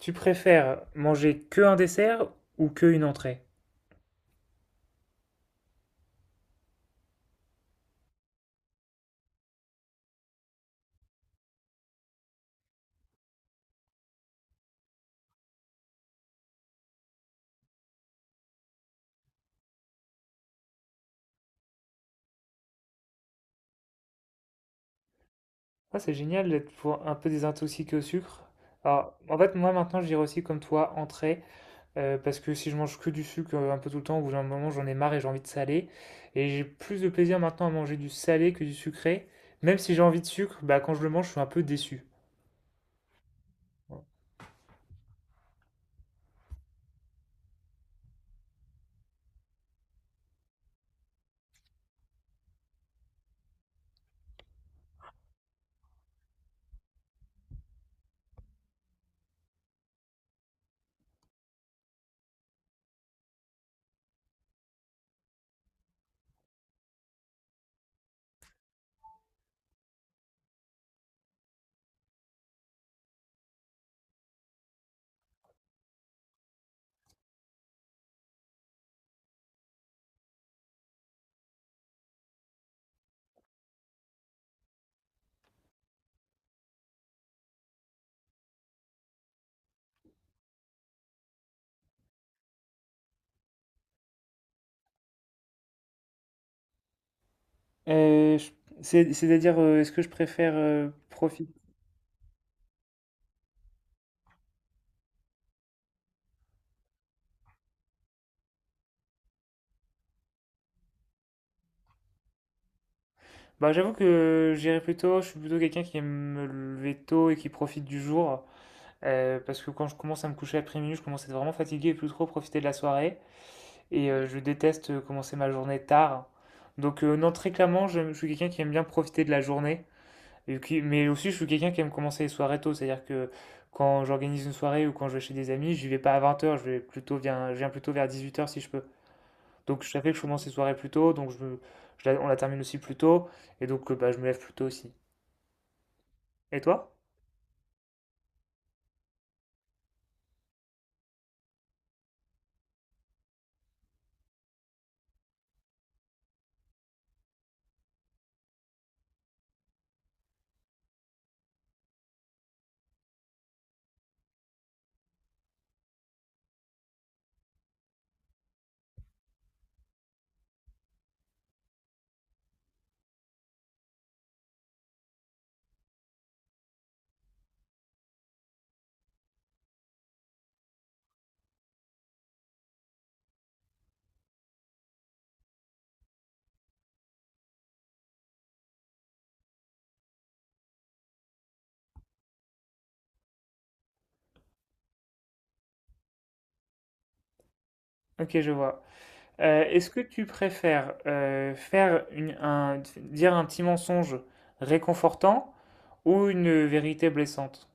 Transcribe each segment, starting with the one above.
Tu préfères manger que un dessert ou que une entrée? Ah, c'est génial d'être pour un peu désintoxiqué au sucre. Alors, en fait, moi maintenant, je dirais aussi comme toi, entrée, parce que si je mange que du sucre un peu tout le temps, au bout d'un moment, j'en ai marre et j'ai envie de salé. Et j'ai plus de plaisir maintenant à manger du salé que du sucré. Même si j'ai envie de sucre, bah, quand je le mange, je suis un peu déçu. Euh, je- C'est-à-dire, est-ce que je préfère profiter? Bah, j'avoue que j'irai plutôt, je suis plutôt quelqu'un qui aime me lever tôt et qui profite du jour. Parce que quand je commence à me coucher après minuit, je commence à être vraiment fatigué et plus trop profiter de la soirée. Et je déteste commencer ma journée tard. Donc non, très clairement, je suis quelqu'un qui aime bien profiter de la journée. Mais aussi, je suis quelqu'un qui aime commencer les soirées tôt. C'est-à-dire que quand j'organise une soirée ou quand je vais chez des amis, je vais pas à 20 heures. Je vais plutôt, je viens plutôt vers 18 heures si je peux. Donc je savais que je commence les soirées plus tôt, donc je, me- je la- on la termine aussi plus tôt. Et donc bah, je me lève plus tôt aussi. Et toi? Ok, je vois. Est-ce que tu préfères dire un petit mensonge réconfortant ou une vérité blessante?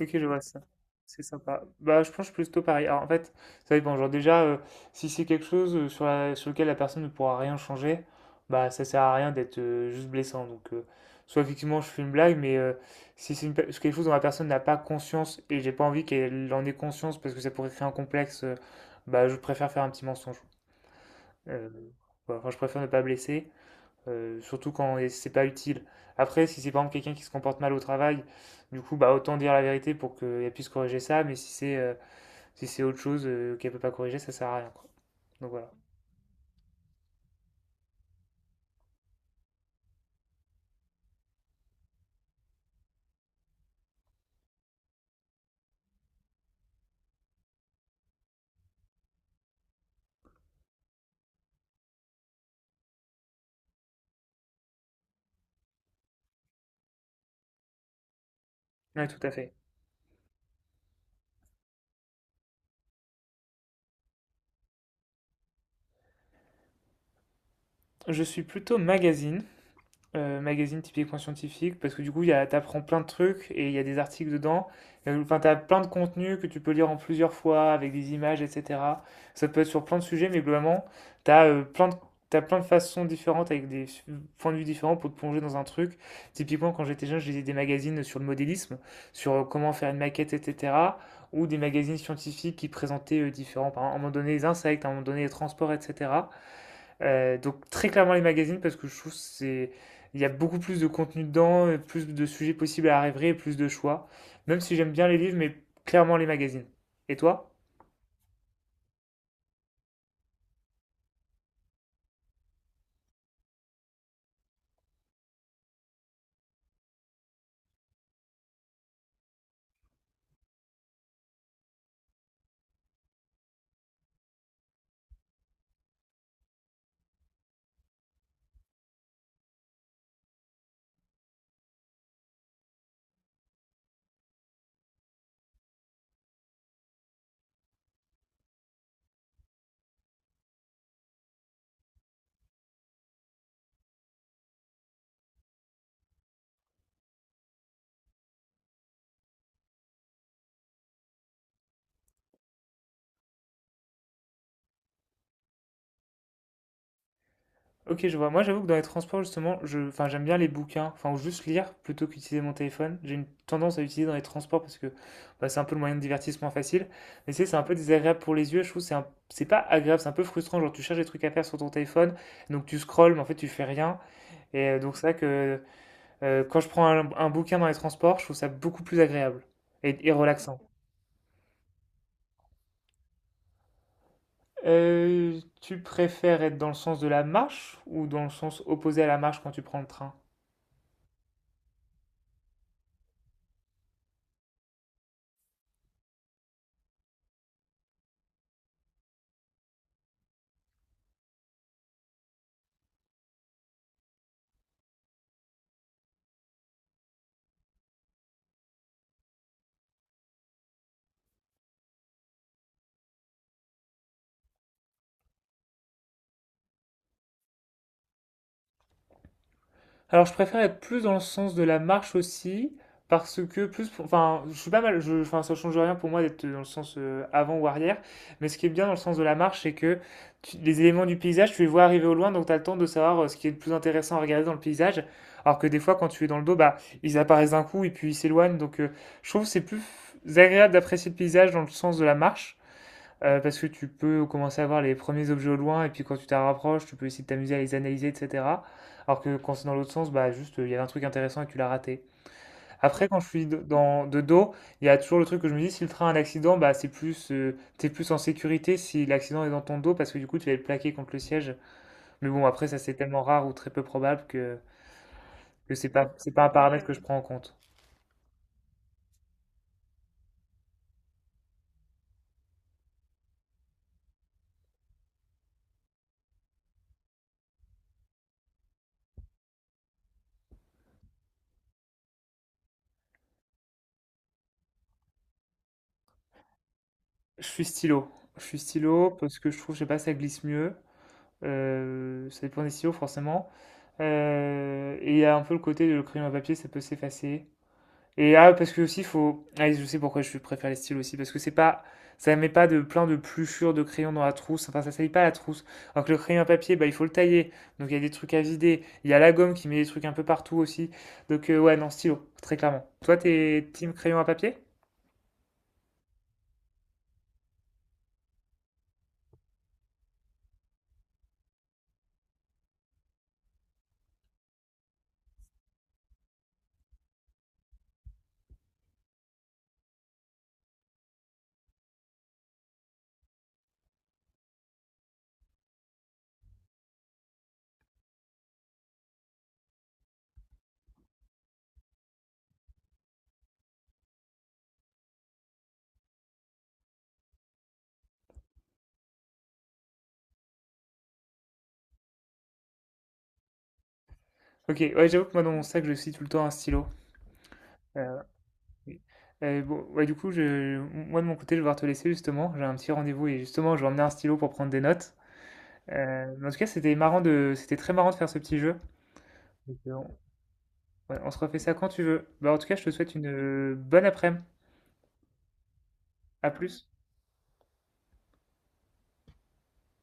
Ok, je vois ça. C'est sympa. Bah, je pense plutôt pareil. Alors, en fait, ça dépend. Genre, déjà, si c'est quelque chose sur lequel la personne ne pourra rien changer, bah, ça sert à rien d'être juste blessant. Donc, soit effectivement, je fais une blague, mais si c'est une pe- si quelque chose dont la personne n'a pas conscience et j'ai pas envie qu'elle en ait conscience parce que ça pourrait créer un complexe, bah, je préfère faire un petit mensonge. Euh, voilà. Enfin, je préfère ne pas blesser, surtout quand et c'est pas utile. Après, si c'est par exemple quelqu'un qui se comporte mal au travail, du coup, bah autant dire la vérité pour qu'elle puisse corriger ça, mais si c'est si c'est autre chose qu'elle peut pas corriger, ça sert à rien, quoi. Donc voilà. Ouais, tout à fait. Je suis plutôt magazine. Magazine typiquement scientifique parce que t'apprends plein de trucs et il y a des articles dedans. Enfin, t'as plein de contenus que tu peux lire en plusieurs fois avec des images, etc. Ça peut être sur plein de sujets, mais globalement, t'as euh, plein de, t'as plein de façons différentes avec points de vue différents pour te plonger dans un truc. Typiquement, quand j'étais jeune, je lisais des magazines sur le modélisme, sur comment faire une maquette, etc. Ou des magazines scientifiques qui présentaient différents, par exemple, à un moment donné les insectes, à un moment donné les transports, etc. Donc très clairement les magazines parce que je trouve que c'est il y a beaucoup plus de contenu dedans, et plus de sujets possibles à rêver, et plus de choix. Même si j'aime bien les livres, mais clairement les magazines. Et toi? Ok, je vois. Moi, j'avoue que dans les transports, justement, enfin, j'aime bien les bouquins, enfin, ou juste lire plutôt qu'utiliser mon téléphone. J'ai une tendance à utiliser dans les transports parce que bah, c'est un peu le moyen de divertissement facile. Mais tu sais, c'est un peu désagréable pour les yeux. Je trouve que c'est pas agréable, c'est un peu frustrant. Genre, tu cherches des trucs à faire sur ton téléphone, donc tu scrolles, mais en fait, tu fais rien. Et donc, c'est vrai que quand je prends un bouquin dans les transports, je trouve ça beaucoup plus agréable et relaxant. Tu préfères être dans le sens de la marche ou dans le sens opposé à la marche quand tu prends le train? Alors, je préfère être plus dans le sens de la marche aussi, parce que enfin, je suis pas mal, je, enfin, ça change rien pour moi d'être dans le sens avant ou arrière, mais ce qui est bien dans le sens de la marche, c'est que les éléments du paysage, tu les vois arriver au loin, donc tu as le temps de savoir ce qui est le plus intéressant à regarder dans le paysage, alors que des fois, quand tu es dans le dos, bah, ils apparaissent d'un coup et puis ils s'éloignent, donc je trouve que c'est plus agréable d'apprécier le paysage dans le sens de la marche. Parce que tu peux commencer à voir les premiers objets au loin, et puis quand tu t'en rapproches, tu peux essayer de t'amuser à les analyser, etc. Alors que quand c'est dans l'autre sens, bah juste, il y avait un truc intéressant et tu l'as raté. Après, quand je suis de- dans, de dos, il y a toujours le truc que je me dis, si le train a un accident, t'es plus en sécurité si l'accident est dans ton dos, parce que du coup, tu vas être plaqué contre le siège. Mais bon, après, ça c'est tellement rare ou très peu probable que, c'est pas un paramètre que je prends en compte. Je suis stylo. Je suis stylo parce que je trouve, je sais pas, ça glisse mieux. Ça dépend des stylos, forcément. Et il y a un peu le côté de le crayon à papier, ça peut s'effacer. Et ah, parce que aussi, faut. Ah, je sais pourquoi je préfère les styles aussi, parce que c'est pas. Ça met pas de plein de pluchures de crayon dans la trousse, enfin ça salit pas la trousse. Alors que le crayon à papier, bah, il faut le tailler, donc il y a des trucs à vider. Il y a la gomme qui met des trucs un peu partout aussi. Donc ouais, non, stylo, très clairement. Toi, t'es team crayon à papier? Ok, ouais, j'avoue que moi dans mon sac, je suis tout le temps un stylo. Euh, oui. Bon, ouais, du coup, moi de mon côté, je vais devoir te laisser justement. J'ai un petit rendez-vous et justement, je vais emmener un stylo pour prendre des notes. Mais en tout cas, c'était très marrant de faire ce petit jeu. Donc, ouais, on se refait ça quand tu veux. Bah, en tout cas, je te souhaite une bonne après-midi. À plus.